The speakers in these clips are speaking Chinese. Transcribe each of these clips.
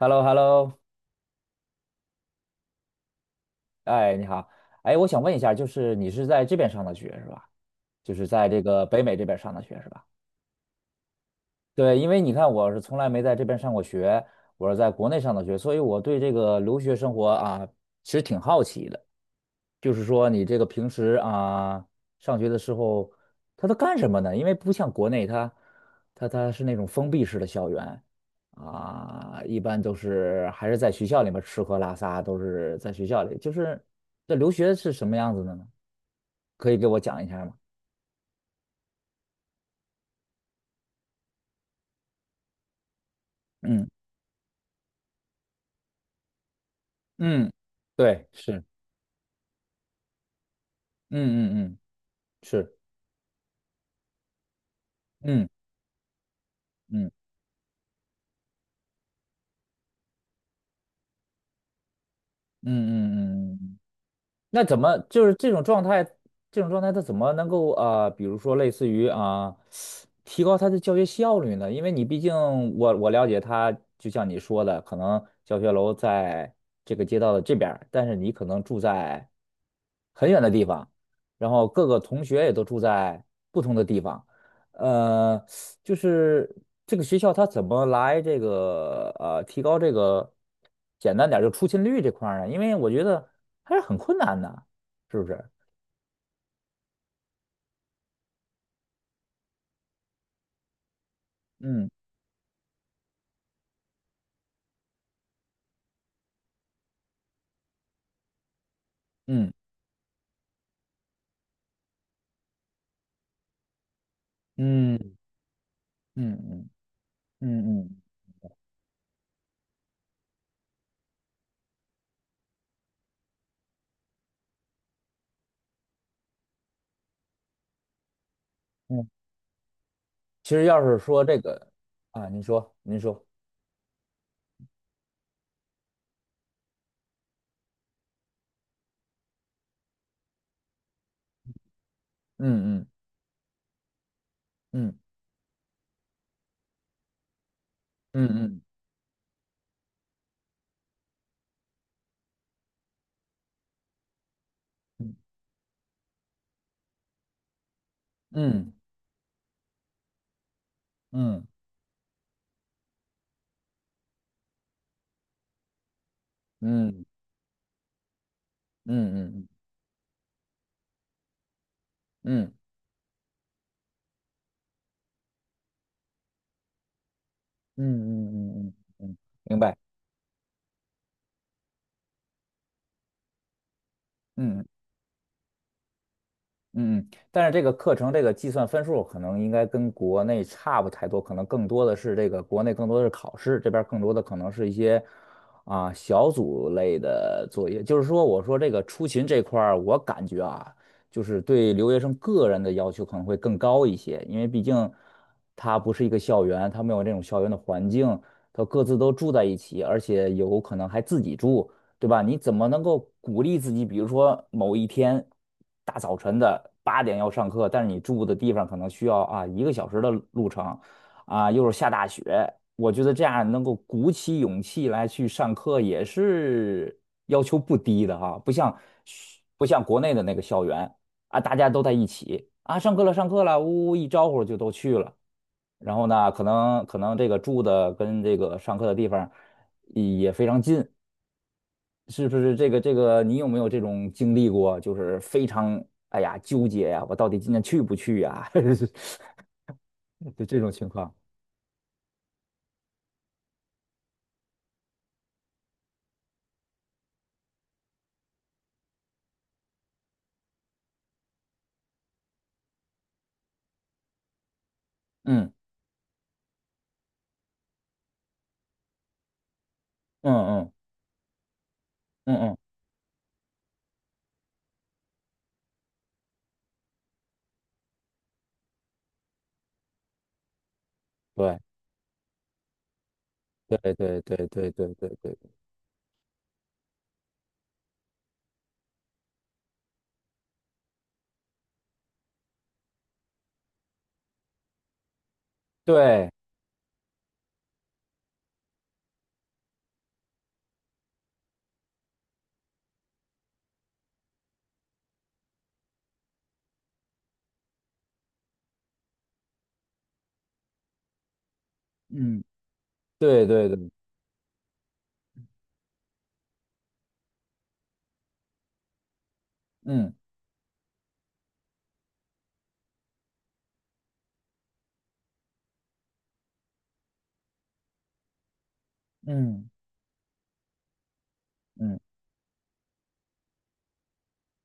h e l l o h e l l o 哎，你好，哎，我想问一下，就是你是在这边上的学是吧？就是在这个北美这边上的学是吧？对，因为你看我是从来没在这边上过学，我是在国内上的学，所以我对这个留学生活啊，其实挺好奇的。就是说你这个平时啊，上学的时候，他都干什么呢？因为不像国内他是那种封闭式的校园啊，一般都是还是在学校里面吃喝拉撒，都是在学校里。就是这留学是什么样子的呢？可以给我讲一下吗？嗯嗯，对，是，嗯嗯嗯，是，嗯嗯嗯嗯嗯嗯嗯。那怎么就是这种状态？这种状态他怎么能够啊、比如说类似于啊、提高他的教学效率呢？因为你毕竟我了解他，就像你说的，可能教学楼在这个街道的这边儿，但是你可能住在很远的地方，然后各个同学也都住在不同的地方。呃。就是这个学校它怎么来这个提高这个简单点儿就出勤率这块儿呢？因为我觉得还是很困难的，是不是？嗯嗯嗯嗯嗯嗯嗯嗯。其实要是说这个啊，您说您说，嗯嗯嗯嗯嗯嗯嗯嗯嗯嗯嗯嗯嗯嗯嗯嗯，明白。嗯嗯。嗯嗯，但是这个课程这个计算分数可能应该跟国内差不太多，可能更多的是这个国内更多的是考试，这边儿更多的可能是一些啊、小组类的作业。就是说，我说这个出勤这块儿，我感觉啊，就是对留学生个人的要求可能会更高一些，因为毕竟他不是一个校园，他没有这种校园的环境，他各自都住在一起，而且有可能还自己住。对吧？你怎么能够鼓励自己？比如说某一天大早晨的8点要上课，但是你住的地方可能需要啊1个小时的路程，啊又是下大雪，我觉得这样能够鼓起勇气来去上课也是要求不低的哈，不像国内的那个校园啊，大家都在一起啊，上课了上课了，呜呜一招呼就都去了，然后呢，可能这个住的跟这个上课的地方也非常近。是不是这个？你有没有这种经历过？就是非常哎呀纠结呀、我到底今天去不去呀、就这种情况。嗯嗯嗯嗯嗯，对对对对对对对对对，嗯对对对，嗯嗯嗯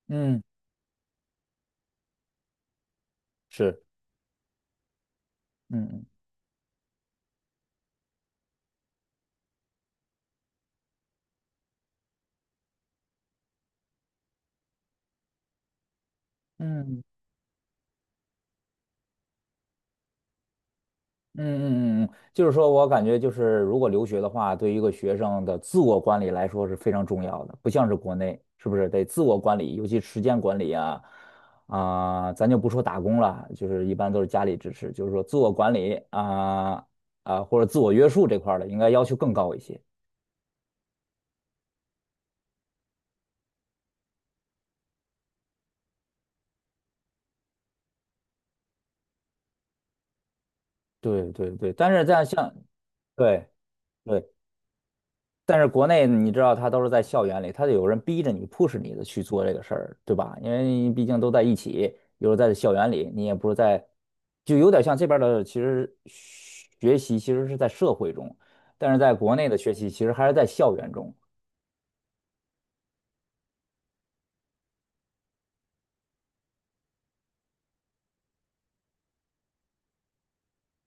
嗯，是，嗯嗯嗯嗯嗯嗯，就是说我感觉就是，如果留学的话，对于一个学生的自我管理来说是非常重要的，不像是国内，是不是得自我管理，尤其时间管理啊，啊、咱就不说打工了，就是一般都是家里支持，就是说自我管理啊啊、或者自我约束这块儿的，应该要求更高一些。对对对，但是在像对。对但是国内你知道，他都是在校园里，它有人逼着你、push 你的去做这个事儿，对吧？因为毕竟都在一起，有时在校园里，你也不是在，就有点像这边的，其实学习其实是在社会中，但是在国内的学习其实还是在校园中。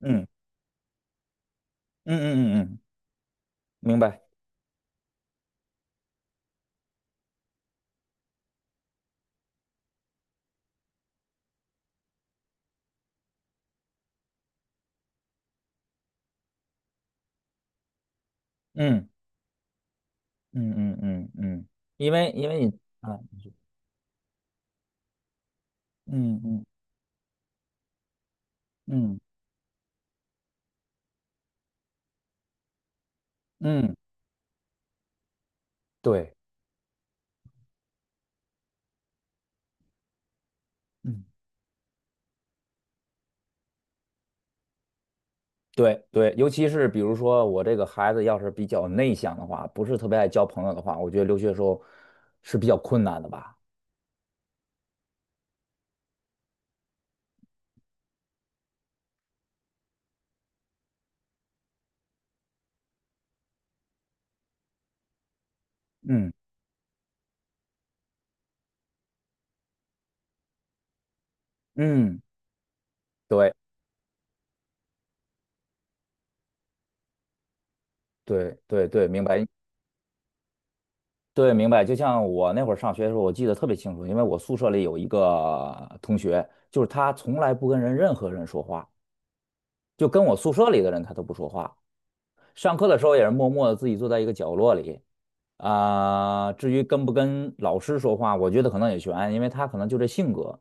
嗯嗯嗯嗯嗯，明白。嗯嗯嗯嗯嗯，因为你啊，嗯嗯嗯嗯，对。嗯对对，尤其是比如说我这个孩子要是比较内向的话，不是特别爱交朋友的话，我觉得留学时候是比较困难的吧。嗯嗯，对对对对，明白对明白。就像我那会儿上学的时候，我记得特别清楚，因为我宿舍里有一个同学，就是他从来不跟任何人说话，就跟我宿舍里的人他都不说话。上课的时候也是默默的自己坐在一个角落里啊、至于跟不跟老师说话，我觉得可能也悬，因为他可能就这性格。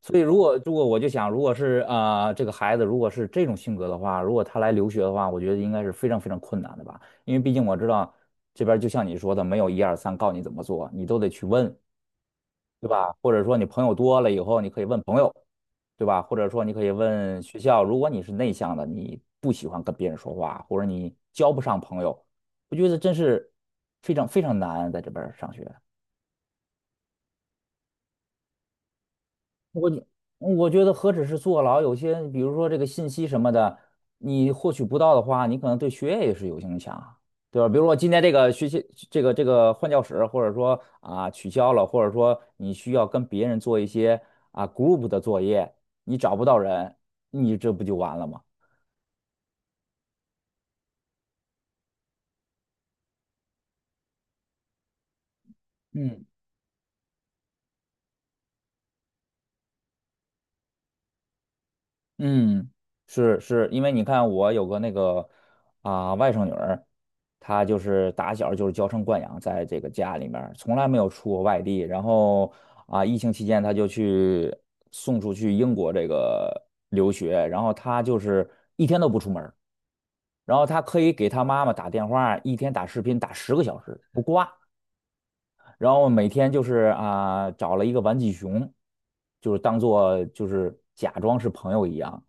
所以如果我就想，如果是这个孩子如果是这种性格的话，如果他来留学的话，我觉得应该是非常非常困难的吧，因为毕竟我知道这边就像你说的，没有一二三告你怎么做，你都得去问，对吧？或者说你朋友多了以后，你可以问朋友，对吧？或者说你可以问学校，如果你是内向的，你不喜欢跟别人说话，或者你交不上朋友，我觉得真是非常非常难在这边上学。我觉我觉得何止是坐牢，有些比如说这个信息什么的，你获取不到的话，你可能对学业也是有影响啊，对吧？比如说今天这个学习这个这个换教室，或者说啊取消了，或者说你需要跟别人做一些啊 group 的作业，你找不到人，你这不就完了吗？嗯。嗯，是是，因为你看，我有个那个啊、外甥女儿，她就是打小就是娇生惯养，在这个家里面儿从来没有出过外地。然后啊、疫情期间她就去送出去英国这个留学，然后她就是一天都不出门儿，然后她可以给她妈妈打电话，一天打视频打十个小时不挂。然后每天就是啊，找了一个玩具熊，就是当做就是假装是朋友一样。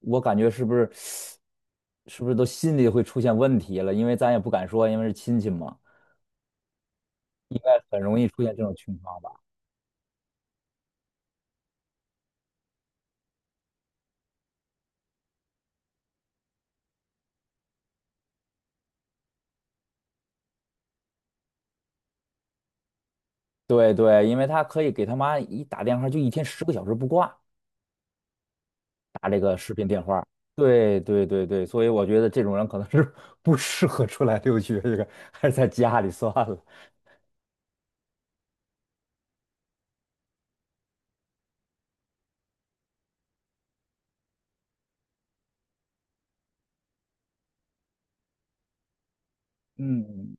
我感觉是不是 是不是都心里会出现问题了？因为咱也不敢说，因为是亲戚嘛，很容易出现这种情况吧。对对，因为他可以给他妈一打电话，就一天十个小时不挂，打这个视频电话。对对对对，所以我觉得这种人可能是 不适合出来留学，这个还是在家里算了。嗯。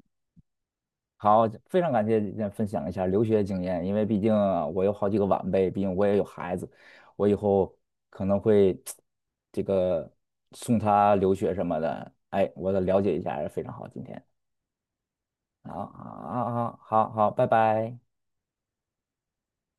好，非常感谢今天分享一下留学经验，因为毕竟啊我有好几个晚辈，毕竟我也有孩子，我以后可能会这个送他留学什么的，哎，我得了解一下，非常好，今天，好，好，好，好，好，拜拜。